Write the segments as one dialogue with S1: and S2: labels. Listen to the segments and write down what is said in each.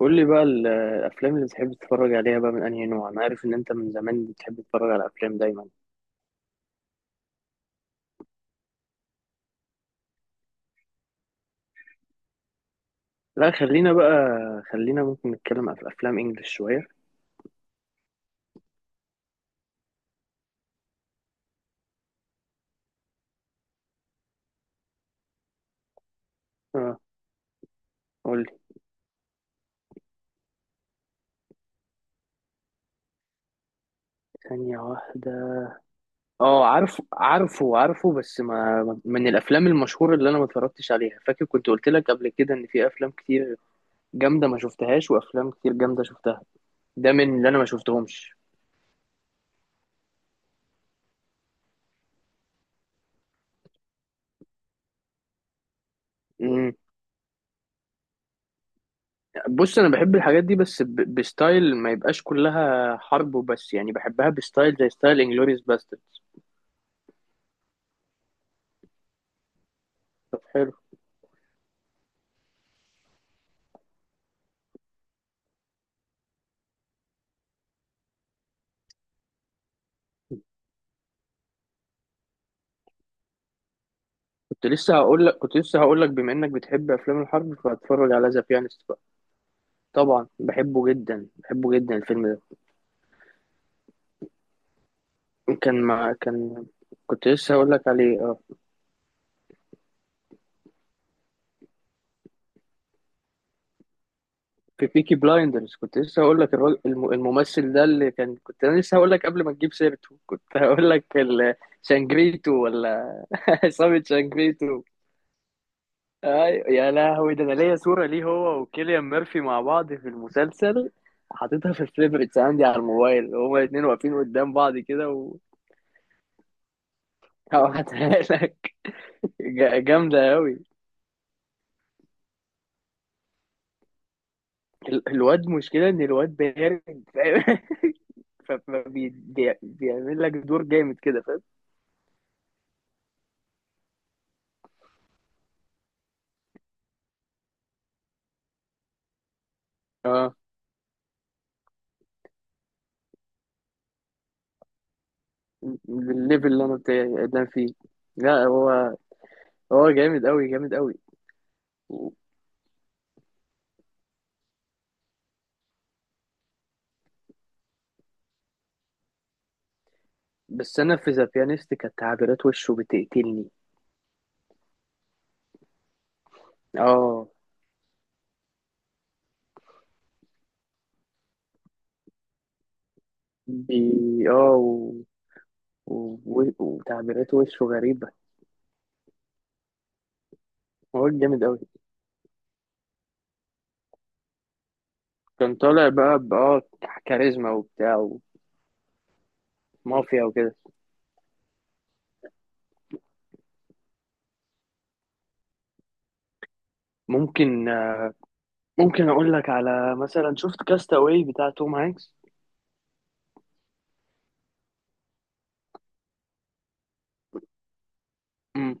S1: قول لي بقى الافلام اللي بتحب تتفرج عليها بقى من انهي نوع. انا عارف ان انت من زمان بتحب تتفرج على افلام دايما. لا، خلينا بقى، ممكن نتكلم عن افلام انجلش شويه. اه قول لي. ثانيه واحده. اه عارفه، بس ما من الافلام المشهوره اللي انا ما اتفرجتش عليها. فاكر كنت قلت لك قبل كده ان في افلام كتير جامده ما شفتهاش، وافلام كتير جامده شفتها. ده من اللي انا ما شفتهمش. بص، انا بحب الحاجات دي بس بستايل ما يبقاش كلها حرب وبس، يعني بحبها بستايل زي ستايل انجلوريوس باسترد. حلو. كنت لسه هقول لك، بما انك بتحب افلام الحرب فهتفرج على ذا بيانست بقى. طبعا، بحبه جدا الفيلم ده. كان ما كان كنت لسه هقول لك عليه. اه في بيكي بلايندرز. كنت لسه هقول لك الراجل الممثل ده، اللي كان كنت انا لسه هقول لك قبل ما تجيب سيرته كنت هقول لك شانجريتو، ولا عصابة شانجريتو. أيوة، يا لهوي، ده انا ليا صورة ليه هو وكيليان ميرفي مع بعض في المسلسل، حاططها في الفيفوريتس عندي على الموبايل، هما الاتنين واقفين قدام بعض كده و هبعتها لك. جامدة أوي. الواد، مشكلة إن الواد بارد، فاهم؟ فبيعمل لك دور جامد كده، فاهم؟ اه، بالليفل اللي أنا بتاعي اللي أنا فيه. لا هو، جامد أوي. و- بس أنا في ذا بيانيست كانت تعبيرات وشه بتقتلني. اه بي. اه و... و... وتعبيرات وشه غريبة. هو جامد أوي. كان طالع بقى، كاريزما وبتاع ومافيا وكده. ممكن، آه، ممكن أقول لك على، مثلا، شفت كاستاوي بتاع توم هانكس. مم.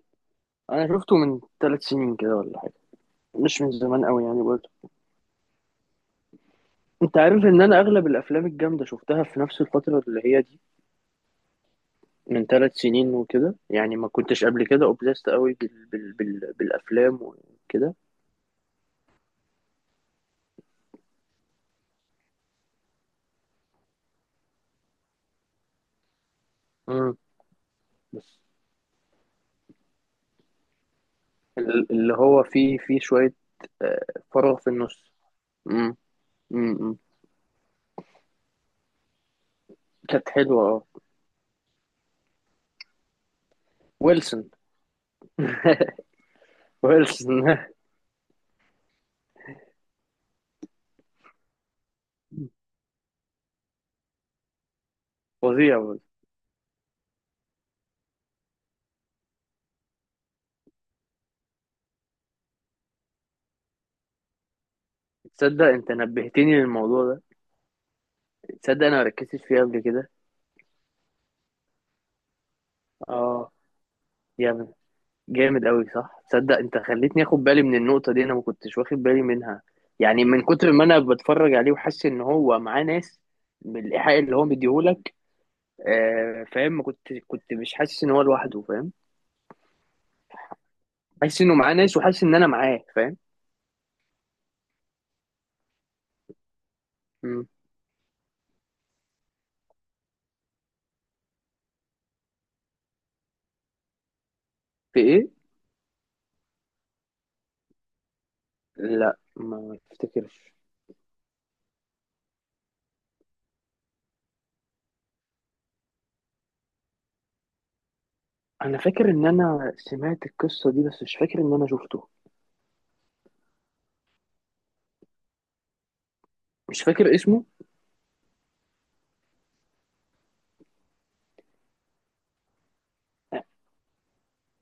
S1: أنا شفته من ثلاث سنين كده ولا حاجة، مش من زمان أوي يعني برضه. أنت عارف إن أنا أغلب الأفلام الجامدة شفتها في نفس الفترة اللي هي دي، من ثلاث سنين وكده يعني. ما كنتش قبل كده أوبليست أوي بالأفلام وكده. اللي هو فيه، شوية، آه، فراغ في النص. مم. مم. مم. كانت حلوة، اه، ويلسون. ويلسون. فظيع برضه. تصدق انت نبهتني للموضوع ده؟ تصدق انا ما ركزتش فيه قبل كده؟ اه، جامد، جامد قوي، صح. تصدق انت خليتني اخد بالي من النقطة دي؟ انا ما كنتش واخد بالي منها. يعني من كتر ما انا بتفرج عليه وحاسس ان هو معاه ناس، من الايحاء اللي هو مديهولك. آه، فاهم، ما كنت كنت مش حاسس ان هو لوحده، فاهم؟ حاسس انه معاه ناس، وحاسس ان انا معاه، فاهم؟ مم. في ايه؟ لا، ما افتكرش. انا فاكر ان انا سمعت القصه دي، بس مش فاكر ان انا شفته. مش فاكر اسمه.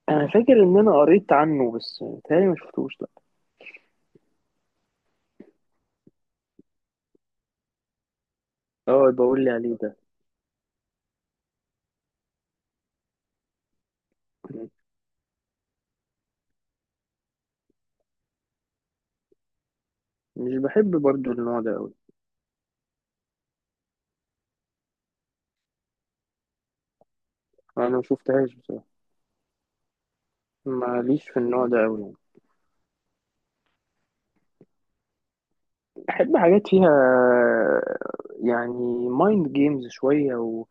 S1: انا فاكر ان انا قريت عنه بس تهيألي ما شفتوش، لا. اه، بقول لي عليه ده. مم. مش بحب برضو النوع ده قوي. انا ما شفتهاش بصراحه، ماليش في النوع ده قوي يعني. بحب حاجات فيها، يعني، مايند جيمز شويه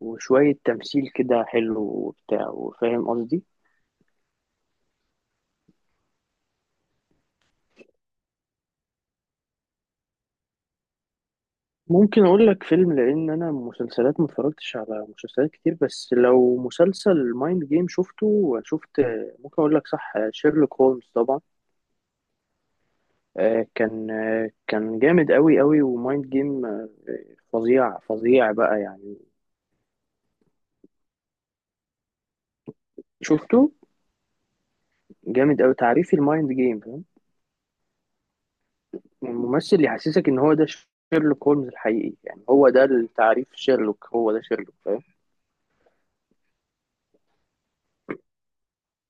S1: وشويه تمثيل كده حلو وبتاع، وفاهم قصدي. ممكن اقول لك فيلم، لان انا مسلسلات ما اتفرجتش على مسلسلات كتير، بس لو مسلسل مايند جيم شفت. ممكن اقول لك، صح، شيرلوك هولمز طبعا. آه، كان جامد قوي قوي، ومايند جيم، آه، فظيع، بقى يعني. شفته؟ جامد قوي، تعريفي المايند جيم، فاهم؟ الممثل اللي يحسسك ان هو ده شيرلوك هولمز الحقيقي، يعني هو ده التعريف، شيرلوك، هو ده شيرلوك، فاهم؟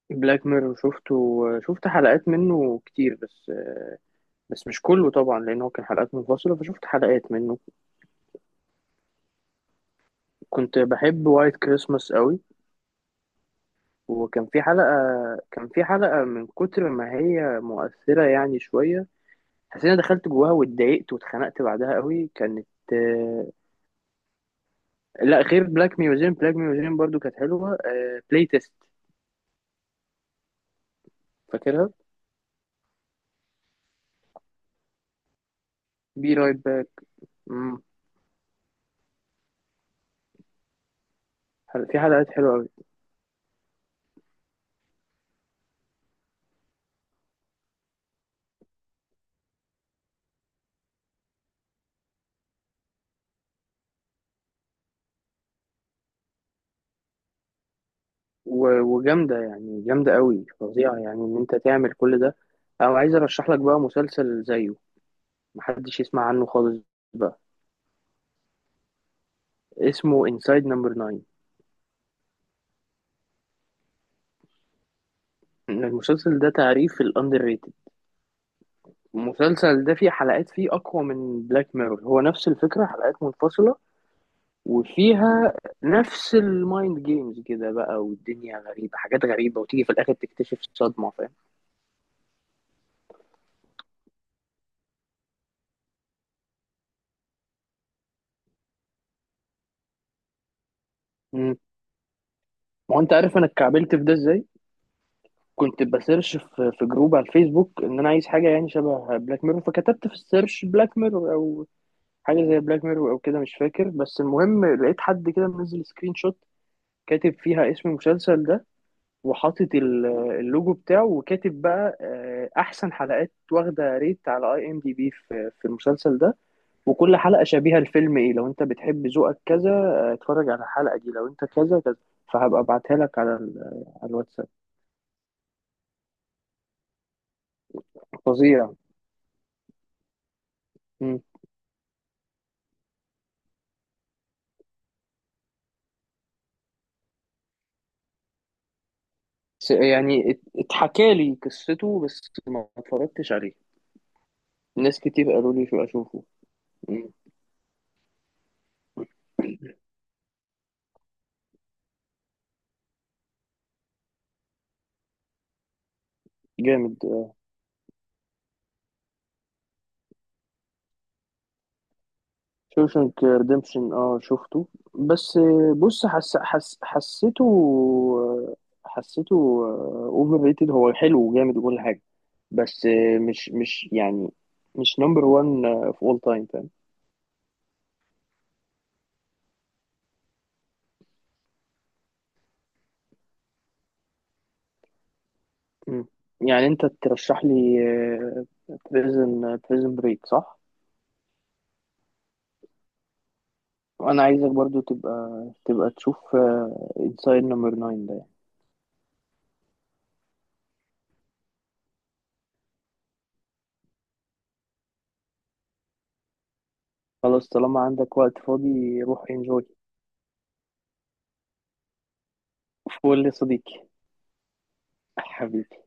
S1: بلاك ميرور شفته. آه، شفت حلقات منه كتير، بس آه، بس مش كله طبعا لان هو كان حلقات منفصله، فشفت حلقات منه. كنت بحب وايت كريسماس قوي. وكان في حلقه، من كتر ما هي مؤثره يعني شويه حسيت إن انا دخلت جواها واتضايقت واتخنقت بعدها قوي كانت، آه، لا، غير بلاك ميوزيوم، بلاك ميوزيوم برضو كانت حلوه. بلاي تيست، فاكرها. بي رايت باك. مم. في حلقات حلوه قوي. وجامده يعني، جامده قوي، فظيعه يعني، ان انت تعمل كل ده. او عايز ارشح لك بقى مسلسل زيه محدش يسمع عنه خالص بقى، اسمه انسايد نمبر 9. المسلسل ده تعريف الاندر ريتد. المسلسل ده فيه حلقات فيه اقوى من بلاك ميرور، هو نفس الفكره، حلقات منفصله، وفيها نفس المايند جيمز كده بقى، والدنيا غريبه، حاجات غريبه، وتيجي في الاخر تكتشف صدمه، فاهم؟ مم. ما انت عارف انا اتكعبلت في ده ازاي؟ كنت بسيرش في في جروب على الفيسبوك ان انا عايز حاجه يعني شبه بلاك ميرور، فكتبت في السيرش بلاك ميرور او حاجه زي بلاك ميرور او كده، مش فاكر، بس المهم لقيت حد كده منزل سكرين شوت كاتب فيها اسم المسلسل ده، وحاطط اللوجو بتاعه، وكاتب بقى، آه، احسن حلقات، واخده ريت على اي ام دي بي في في المسلسل ده، وكل حلقه شبيهه لفيلم ايه، لو انت بتحب ذوقك كذا، آه، اتفرج على الحلقه دي، لو انت كذا كذا. فهبقى ابعتها لك على على الواتساب. فظيع. مم. اتحكى لي قصته بس ما اتفرجتش عليه. ناس كتير قالوا لي شو اشوفه. مم. جامد، آه. شوشنك ريديمشن، اه شفته. بس آه، بص، حس حس حسيته، آه، حسيته اوفر ريتد. هو حلو وجامد وكل حاجه بس آه، مش مش يعني مش نمبر 1 في اول تايم، فاهم؟ مم. يعني انت ترشح لي بريزن بريك، صح؟ وانا عايزك برضو تبقى تشوف انسايد نمبر 9 ده. خلاص، طالما عندك وقت فاضي روح انجوي. فول يا صديقي. حبيبي.